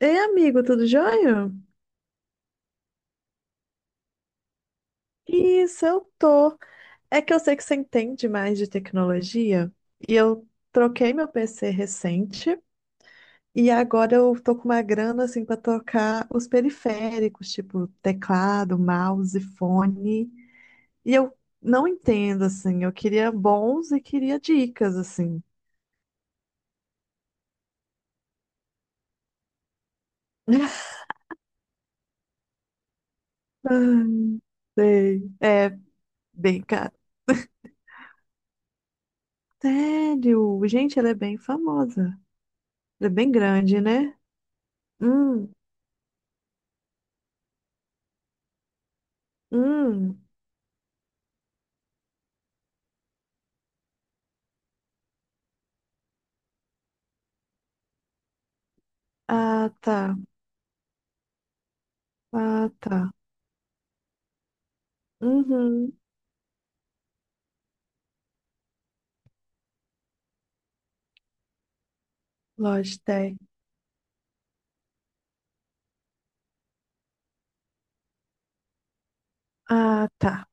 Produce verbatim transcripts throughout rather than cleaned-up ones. Ei, amigo, tudo jóia? Isso, eu tô. É que eu sei que você entende mais de tecnologia e eu troquei meu P C recente e agora eu tô com uma grana assim pra trocar os periféricos, tipo teclado, mouse, fone. E eu não entendo assim, eu queria bons e queria dicas assim. Ai, sei. É bem caro. Sério? Gente, ela é bem famosa. Ela é bem grande, né? Hum, hum. Ah, tá. Ah, tá. Uhum. Logitech. Ah, tá.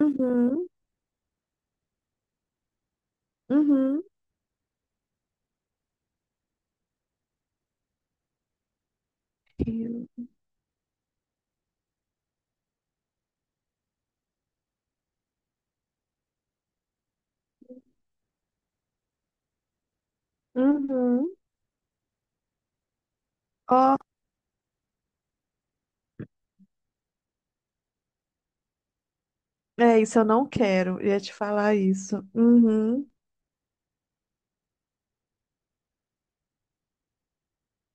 Uhum. Uhum. Eu- Uhum. Ó, é isso, eu não quero. Ia te falar isso. Uhum.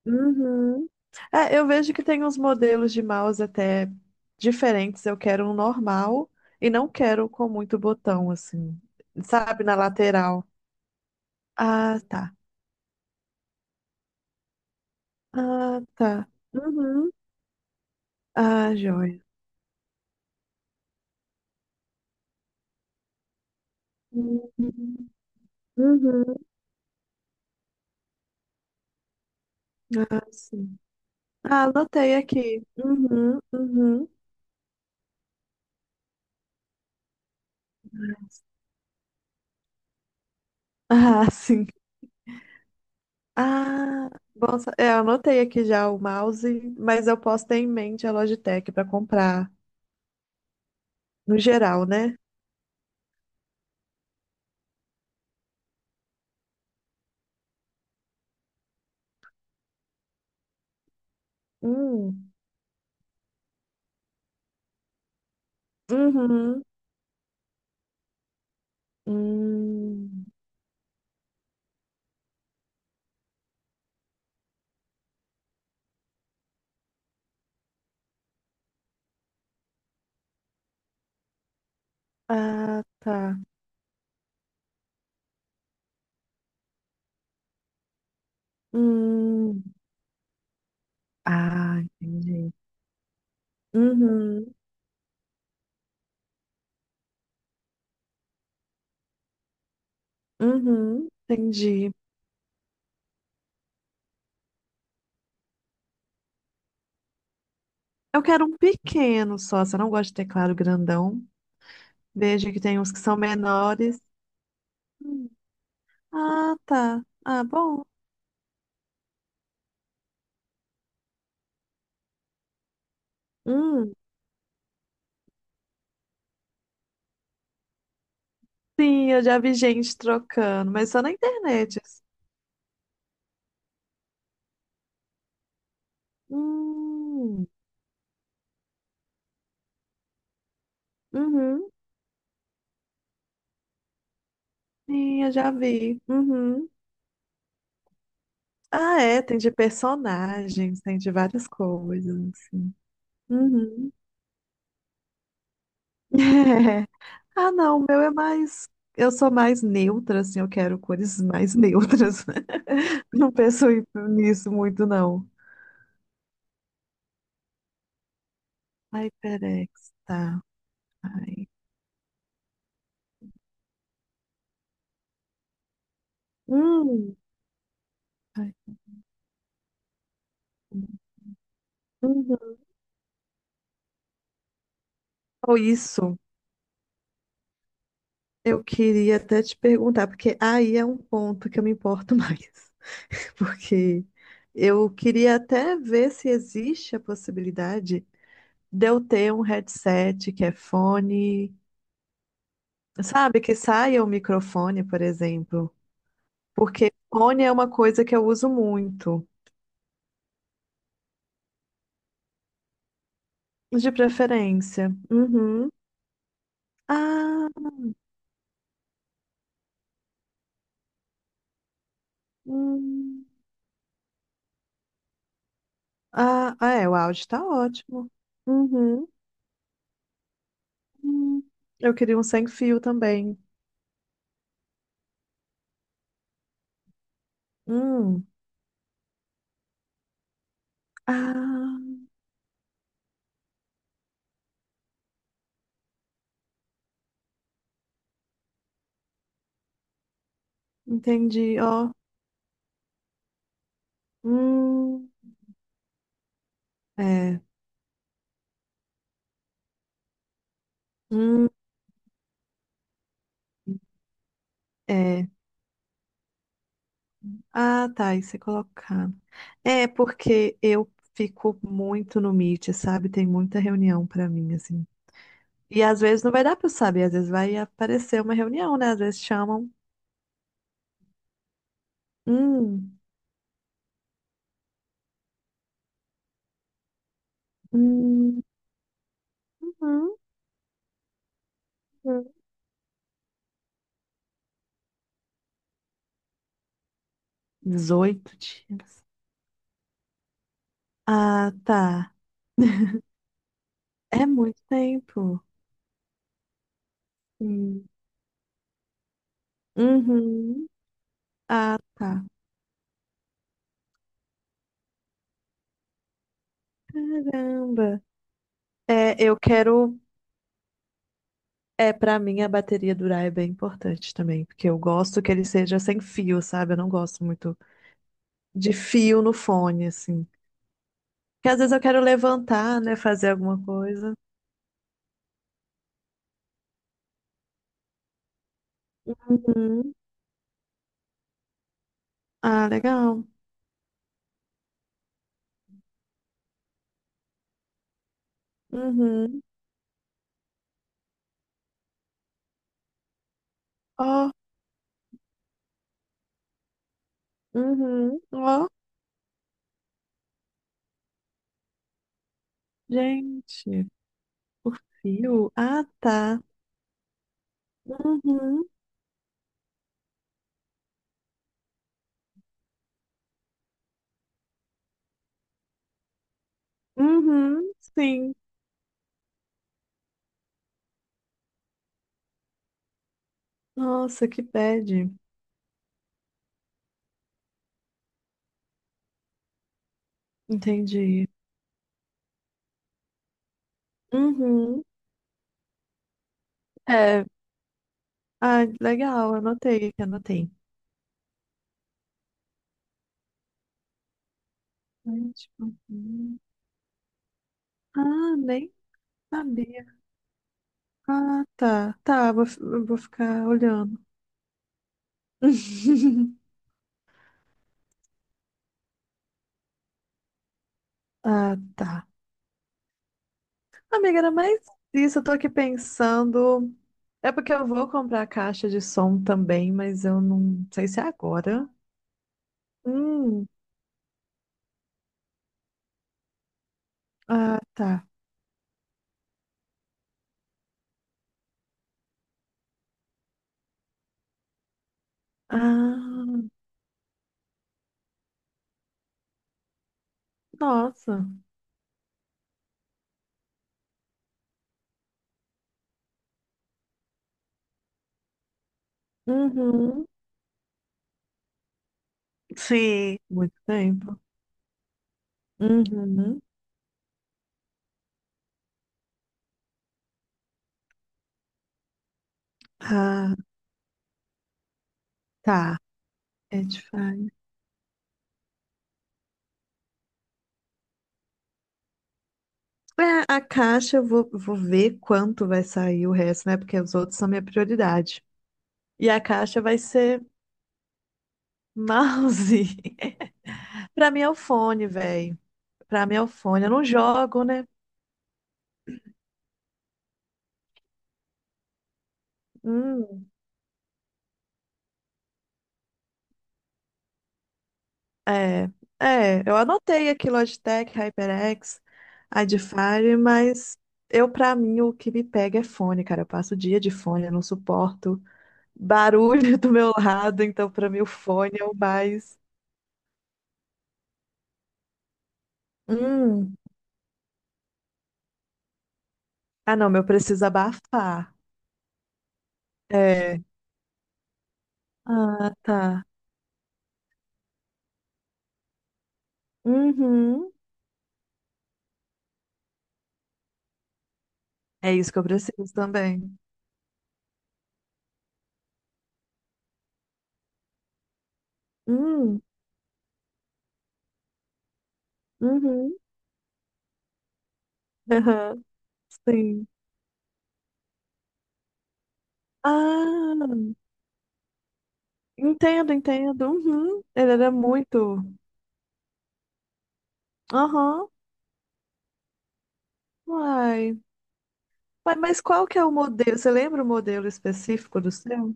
Uhum. É, eu vejo que tem uns modelos de mouse até diferentes. Eu quero um normal e não quero com muito botão, assim. Sabe, na lateral. Ah, tá. Ah, tá. Uhum. Ah, joia. Uhum. Uhum. Ah, sim. Ah, anotei aqui. Uhum, uhum. Ah, sim. Ah, bom, sa- é, eu anotei aqui já o mouse, mas eu posso ter em mente a Logitech para comprar no geral, né? Hum. Uhum. Hum. Ah, tá. Hum. Ah, entendi. Uhum. Uhum. Entendi. Eu quero um pequeno só, se eu não gosto de teclado grandão. Vejo que tem uns que são menores. Ah, tá. Ah, bom. Hum. Sim, eu já vi gente trocando, mas só na internet. Assim. Hum. Uhum. Sim, eu já vi. Uhum. Ah, é, tem de personagens, tem de várias coisas, assim. Uhum. Ah, não, o meu é mais. Eu sou mais neutra, assim, eu quero cores mais neutras. Não penso em- nisso muito, não. HyperX, tá. Ai. Hum. Ai, uhum. Ou isso. Eu queria até te perguntar, porque aí é um ponto que eu me importo mais. Porque eu queria até ver se existe a possibilidade de eu ter um headset que é fone, sabe? Que saia o microfone, por exemplo. Porque fone é uma coisa que eu uso muito, de preferência. Uhum. Ah, hum. Ah, ah, é, o áudio tá ótimo. Uhum. Hum. Eu queria um sem fio também. Hum. Ah. Entendi, ó. Hum, é. Hum, é. Ah, tá, aí você colocar. É, porque eu fico muito no Meet, sabe? Tem muita reunião pra mim, assim. E às vezes não vai dar pra eu saber, às vezes vai aparecer uma reunião, né? Às vezes chamam. Hum, hum, uhum, uhum. dezoito dias. Ah, tá. É muito tempo. Hum. Uhum. Ah, tá. Caramba. É, eu quero. É, pra mim a bateria durar é bem importante também, porque eu gosto que ele seja sem fio, sabe? Eu não gosto muito de fio no fone, assim. Porque às vezes eu quero levantar, né? Fazer alguma coisa. Uhum. Ah, legal. Uhum. Ó, uhum. Ó, gente. O fio? Ah, tá. Uhum. Uhum. Sim. Nossa, que bad. Entendi. Uhum. É. Ah, legal. Anotei, anotei. Mas, tipo, uhum. Ah, nem sabia. Ah, tá. Tá, vou, fi- eu vou ficar olhando. Ah, tá. Amiga, era mais isso. Eu tô aqui pensando. É porque eu vou comprar a caixa de som também, mas eu não sei se é agora. Hum, ah, tá. Ah, nossa. Uhum. Sim. Muito tempo. Uhum. Ah, tá. É diferente. É, a caixa eu vou, vou ver quanto vai sair o resto, né? Porque os outros são minha prioridade. E a caixa vai ser mouse. Pra mim é o fone, velho. Pra mim é o fone. Eu não jogo, né? Hum, é. É, eu anotei aqui Logitech, HyperX, Adfire, mas eu, pra mim, o que me pega é fone, cara. Eu passo o dia de fone, eu não suporto barulho do meu lado, então pra mim o fone é o mais. Hum. Ah, não, meu preciso abafar. É, ah, tá. Uhum. É isso que eu preciso também. Hum, uhum, aham, sim. Ah, entendo, entendo. Uhum. Ele era muito. Aham, uai. Uai, mas qual que é o modelo? Você lembra o modelo específico do seu?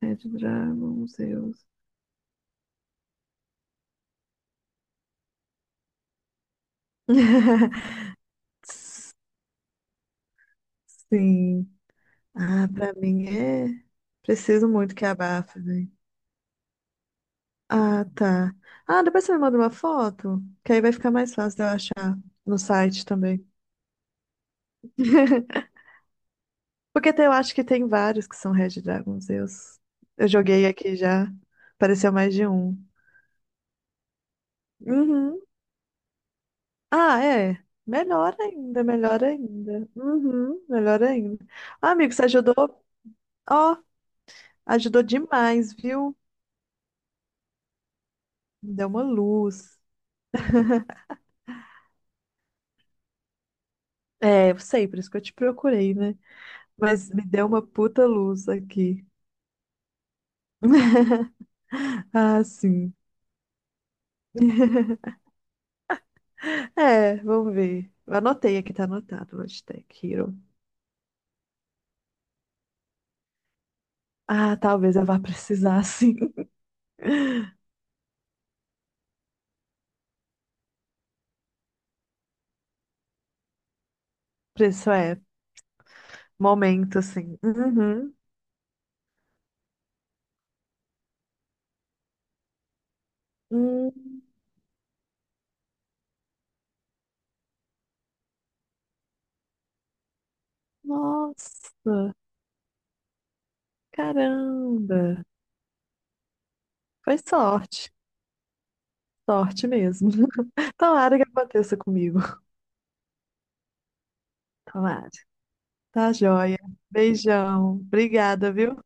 Red Dragon, Zeus. Sim. Ah, pra mim é. Preciso muito que abafe, né? Ah, tá. Ah, depois você me manda uma foto, que aí vai ficar mais fácil de eu achar no site também. Porque tem- eu acho que tem vários que são Red Dragons. Eu, eu joguei aqui já, apareceu mais de um. Uhum. Ah, é. Melhor ainda, melhor ainda. Uhum, melhor ainda. Ah, amigo, você ajudou? Ó, ajudou demais, viu? Me deu uma luz. É, eu sei, por isso que eu te procurei, né? Mas me deu uma puta luz aqui. Ah, sim. É, vamos ver. Eu anotei aqui, tá anotado, hashtag Hero. Ah, talvez eu vá precisar, sim. Isso é, momento, sim. Uhum. Hum, nossa, caramba. Foi sorte, sorte mesmo. Tomara que aconteça comigo. Tomara. Tá joia. Beijão. Obrigada, viu?